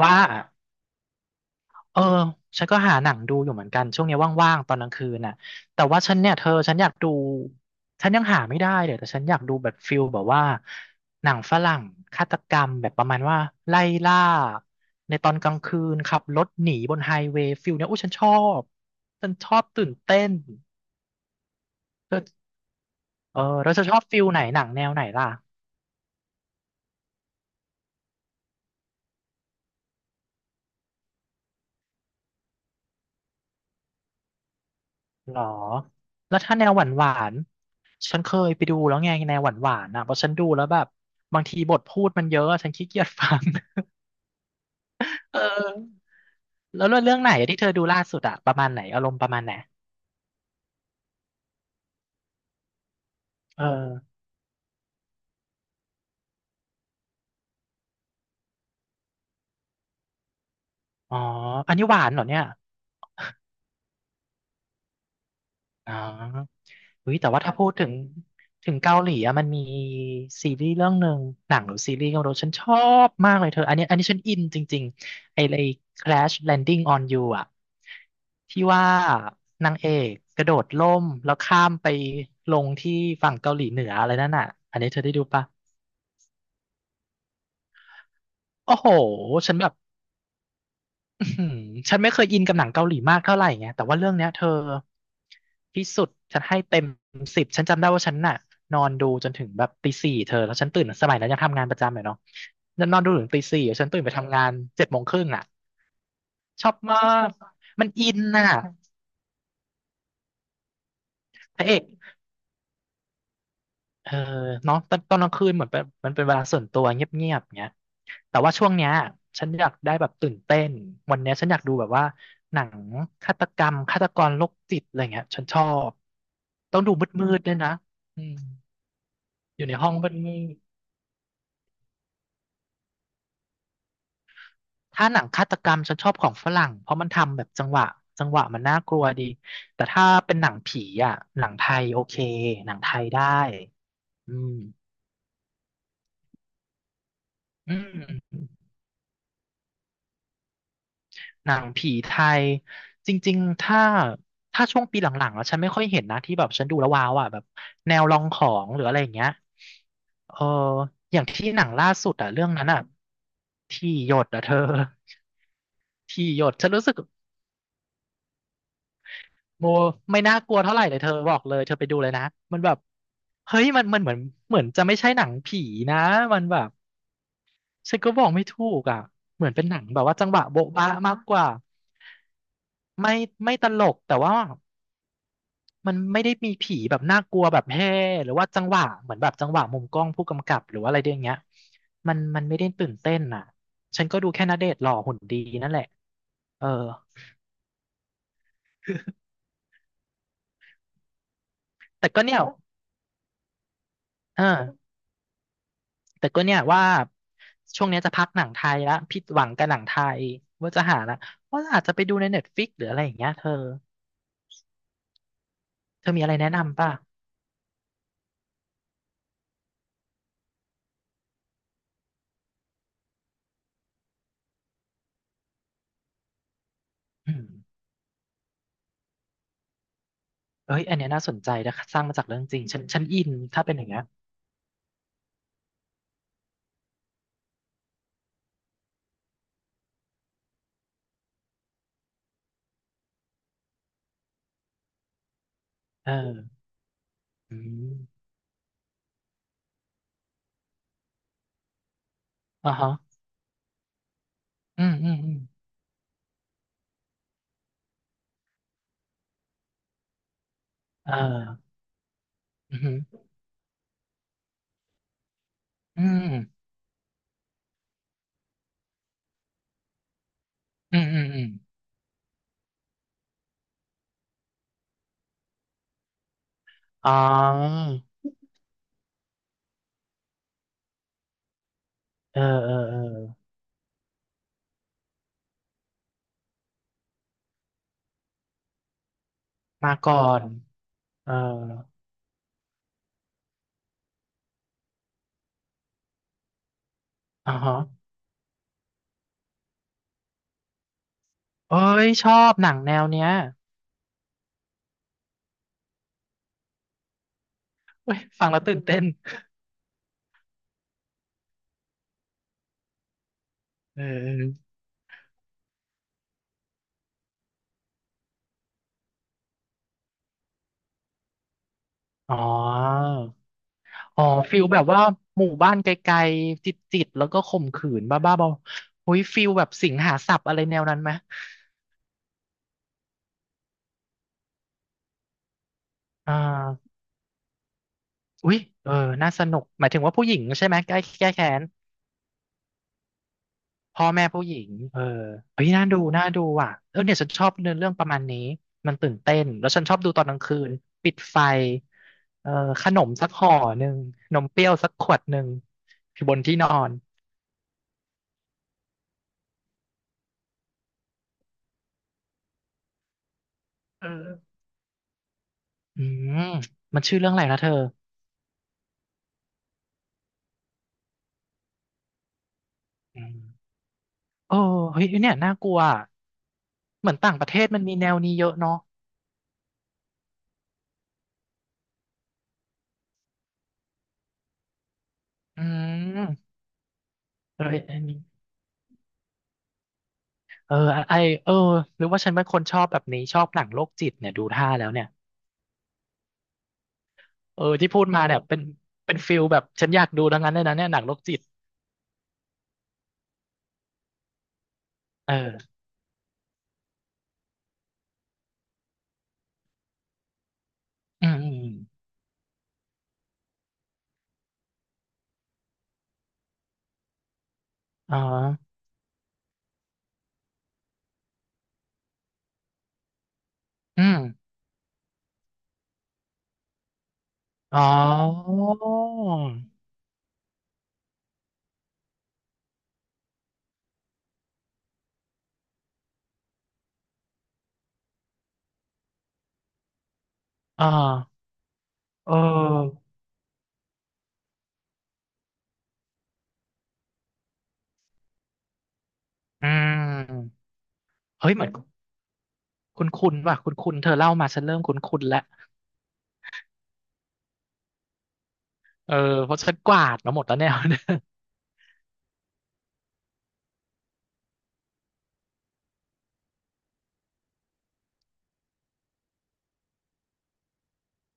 ว่าเออฉันก็หาหนังดูอยู่เหมือนกันช่วงนี้ว่างๆตอนกลางคืนน่ะแต่ว่าฉันเนี่ยเธอฉันอยากดูฉันยังหาไม่ได้เลยแต่ฉันอยากดูแบบฟิลแบบว่าหนังฝรั่งฆาตกรรมแบบประมาณว่าไล่ล่าในตอนกลางคืนขับรถหนีบนไฮเวย์ฟิลเนี้ยโอ้บฉันชอบตื่นเต้นเธอเออแล้วเธอชอบฟิลไหนหนังแนวไหนล่ะ หรอ แล้วถ้าแนวหวานหวานฉันเคยไปดูแล้วไงแนวหวานหวานอ่ะเพราะฉันดูแล้วแบบบางทีบทพูดมันเยอะอะฉันขี้เกียจฟัง เออแล้วเรื่องไหนอะที่เธอดูล่าสุดอะประมาณไหน อารมณ์ประมาณไหนเอออ๋อ อันนี้หวานเหรอเนี่ย อ๋ออุ้ยแต่ว่าถ้าพูดถึงเกาหลีอะมันมีซีรีส์เรื่องหนึ่งหนังหรือซีรีส์ก็ไม่รู้ฉันชอบมากเลยเธออันนี้ฉันอินจริงๆไอ้ Crash Landing on You อะที่ว่านางเอกกระโดดร่มแล้วข้ามไปลงที่ฝั่งเกาหลีเหนืออะไรนั่นน่ะอันนี้เธอได้ดูปะโอ้โห ฉันแบบ อื้อหือฉันไม่เคยอินกับหนังเกาหลีมากเท่าไหร่ไงแต่ว่าเรื่องเนี้ยเธอที่สุดฉันให้เต็มสิบ ฉันจำได้ว่าฉันน่ะนอนดูจนถึงแบบตีสี่เธอ แล้วฉันตื่นสมัยนั้นยังทำงานประจำอยู่เนาะฉันนอนดูถึงตีสี่ฉันตื่นไปทำงานเจ็ดโมงครึ่งอ่ะชอบมากมันอินน่ะพระเอกเออเนาะตอนกลางคืนเหมือนเป็นมันเป็นเวลาส่วนตัวเงียบๆเงี้ย แต่ว่าช่วงเนี้ยฉันอยากได้แบบตื่นเต้นวันเนี้ยฉันอยากดูแบบว่าหนังฆาตกรรมฆาตกรโรคจิตอะไรเงี้ยฉันชอบต้องดูมืดๆด้วยนะอืมอยู่ในห้องมืดๆถ้าหนังฆาตกรรมฉันชอบของฝรั่งเพราะมันทำแบบจังหวะมันน่ากลัวดีแต่ถ้าเป็นหนังผีอ่ะหนังไทยโอเคหนังไทยได้อืมอืม หนังผีไทยจริงๆ ถ้าช่วงปีหลังๆแล้วฉันไม่ค่อยเห็นนะที่แบบฉันดูแล้วว้าวอ่ะแบบแนวลองของหรืออะไรอย่างเงี้ยเอออย่างที่หนังล่าสุดอ่ะเรื่องนั้นอ่ะที่หยดอ่ะเธอ ที่หยดฉันรู้สึกโมไม่น่ากลัวเท่าไหร่เลยเธอบอกเลยเธอไปดูเลยนะมันแบบเฮ้ยมันเหมือนเหมือนจะไม่ใช่หนังผีนะมันแบบฉันก็บอกไม่ถูกอ่ะเหมือนเป็นหนังแบบว่าจังหวะโบ๊ะหรบ๊ะมากกว่าไม่ไม่ตลกแต่ว่า มันไม่ได้มีผีแบบน่ากลัวแบบแฮ่หรือว่าจังหวะเหมือนแบบจังหวะมุมกล้องผู้กำกับหรือว่าอะไรอย่างเงี้ยมันไม่ได้ตื่นเต้นอ่ะฉันก็ดูแค่ณเดชน์หล่อหุ่นดีนั่นแหละเออแต่ก็เนี่ย เออแต่ก็เนี่ยว่าช่วงเนี้ยจะพักหนังไทยละผิดหวังกับหนังไทยว่าจะหาละว่าอาจจะไปดูในเน็ตฟิกหรืออะไรอย่างเงี้ยเธอเธอมีอะไรแนะนำป่ะอืมเอ้ยอันเนี้ยน่าสนใจนะสร้างมาจากเรื่องจริงฉันอินถ้าเป็นอย่างเงี้ยเอออืมอ่าฮะอืมอืมอืมเออ อือหืออืมอืมอืมอืมอ๋อเออเออเออมาก่อนเอออ๋อฮะเอ้ยชอบหนังแนวเนี้ยเว้ย ฟังแล้วตื่นเต้นเออเอออ๋ออ๋อ ฟิลแบบว่าหมู่บ้านไกลๆ จิตๆ แล้วก็ข่มขืนบ้าๆบอๆอุ้ยฟิลแบบสิงหาสับอะไรแนวนั้นไหมอ่าอุ้ยเออน่าสนุกหมายถึงว่าผู้หญิงใช่ไหมแก้แค้น พ่อแม่ผู้หญิงเออเฮ้ยน่าดูน่าดูอ่ะเออเนี่ยฉันชอบเนื้อเรื่องประมาณนี้มันตื่นเต้นแล้วฉันชอบดูตอนกลางคืนปิดไฟเออขนมสักห่อหนึ่งนมเปรี้ยวสักขวดหนึ่งอยู่บนที่นอนเอออืมมันชื่อเรื่องอะไรนะเธออืมโอ้เฮ้ยเนี่ยน่ากลัวอะเหมือนต่างประเทศมันมีแนวนี้เยอะเนาะอืมเอออันนี้เออไอเออหรือว่าฉันเป็นคนชอบแบบนี้ชอบหนังโรคจิตเนี่ยดูท่าแล้วเนี่ย เออที่พูดมาเนี่ยเป็นฟิลแบบฉันอยากดูทั้งนั้นเลยนะเนี่ยหนังโรคจิตเอออืมอมอ๋ออืมอ๋ออ่าเอออืมเฮ้ยเหมือนคุณว่ะคุณเธอเล่ามาฉันเริ่มคุณแล้วเออเพราะฉันกวาดมาหมดแล้วเนี่ย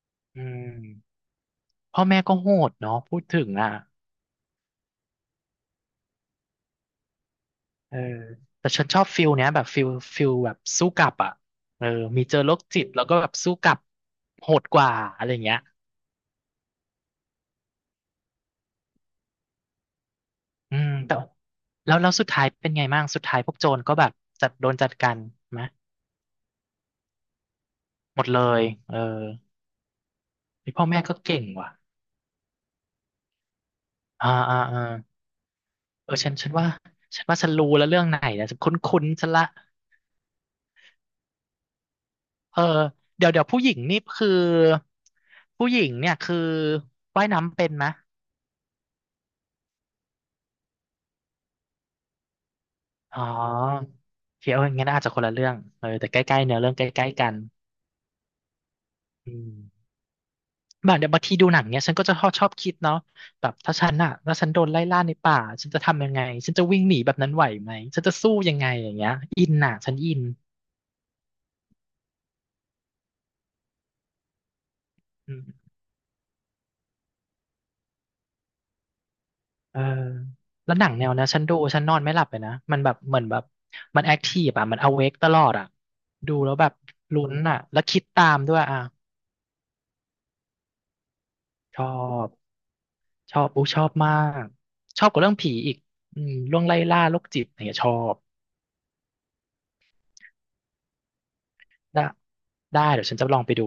อืมพ่อแม่ก็โหดเนาะพูดถึงอ่ะเออแต่ฉันชอบฟิลเนี้ยแบบฟิลแบบสู้กลับอ่ะเออมีเจอโรคจิตแล้วก็แบบสู้กลับโหดกว่าอะไรเงี้ย อืมแต่แล้วสุดท้ายเป็นไงบ้างสุดท้ายพวกโจรก็แบบจัดโดนจัดการไหมหมดเลยเออไอพ่อแม่ก็เก่งว่ะอ่าอ่าอ่าเออฉันว่าฉันรู้แล้วเรื่องไหนนะฉันคุ้นๆฉันละเออเดี๋ยวผู้หญิงนี่คือผู้หญิงเนี่ยคือว่ายน้ำเป็นไหมอ๋อโอเคเอองั้นอาจจะคนละเรื่องเออแต่ใกล้ๆเนื้อเรื่องใกล้ๆกันอืม แบบเดี๋ยวบางทีดูหนังเนี่ยฉันก็จะชอบคิดเนาะแบบถ้าฉันอะถ้าฉันโดนไล่ล่าในป่าฉันจะทำยังไงฉันจะวิ่งหนีแบบนั้นไหวไหมฉันจะสู้ยังไงอย่างเงี้ยอินอะฉันอินอืมเออแล้วหนังแนวนะฉันดูฉันนอนไม่หลับเลยนะมันแบบเหมือนแบบมันแอคทีฟอะมันอเวกตลอดอะดูแล้วแบบลุ้นอะแล้วคิดตามด้วยอะชอบชอบอู้ชอบมากชอบกว่าเรื่องผีอีกอืมเรื่องไล่ล่าโรคจิตอะไรเงี้ยชอบได้ได้เดี๋ยวฉันจะลองไปดู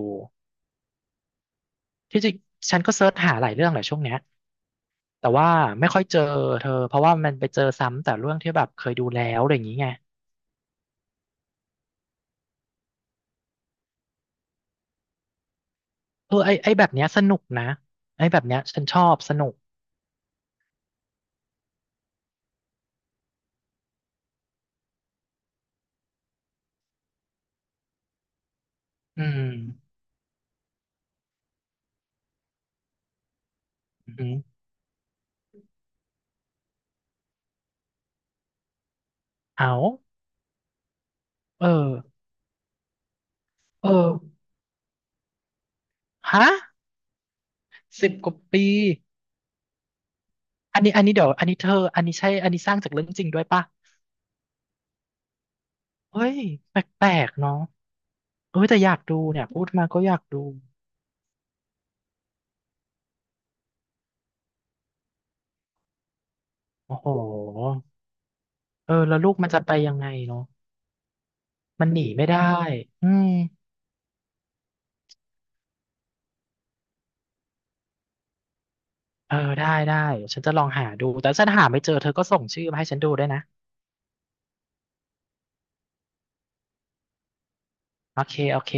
ที่จริงฉันก็เซิร์ชหาหลายเรื่องแหละช่วงเนี้ยแต่ว่าไม่ค่อยเจอเธอเพราะว่ามันไปเจอซ้ำแต่เรื่องที่แบบเคยดูแล้วอะไรอย่างงี้ไงเออไอแบบเนี้ยสนุกนะไอแบบเนี้ยฉันชอบสนุกอืมอืมเอาเออเออฮะสิบกว่าปีอันนี้เดี๋ยวอันนี้เธออันนี้ใช่อันนี้สร้างจากเรื่องจริงด้วยปะเฮ้ยแปลกๆเนาะเออแต่อยากดูเนี่ยพูดมาก็อยากดูโอ้โหเออแล้วลูกมันจะไปยังไงเนาะมันหนีไม่ได้อืม เออได้ได้ฉันจะลองหาดูแต่ฉันหาไม่เจอเธอก็ส่งชื่อมาให้ฉันดูได้วยนะโอเคโอเค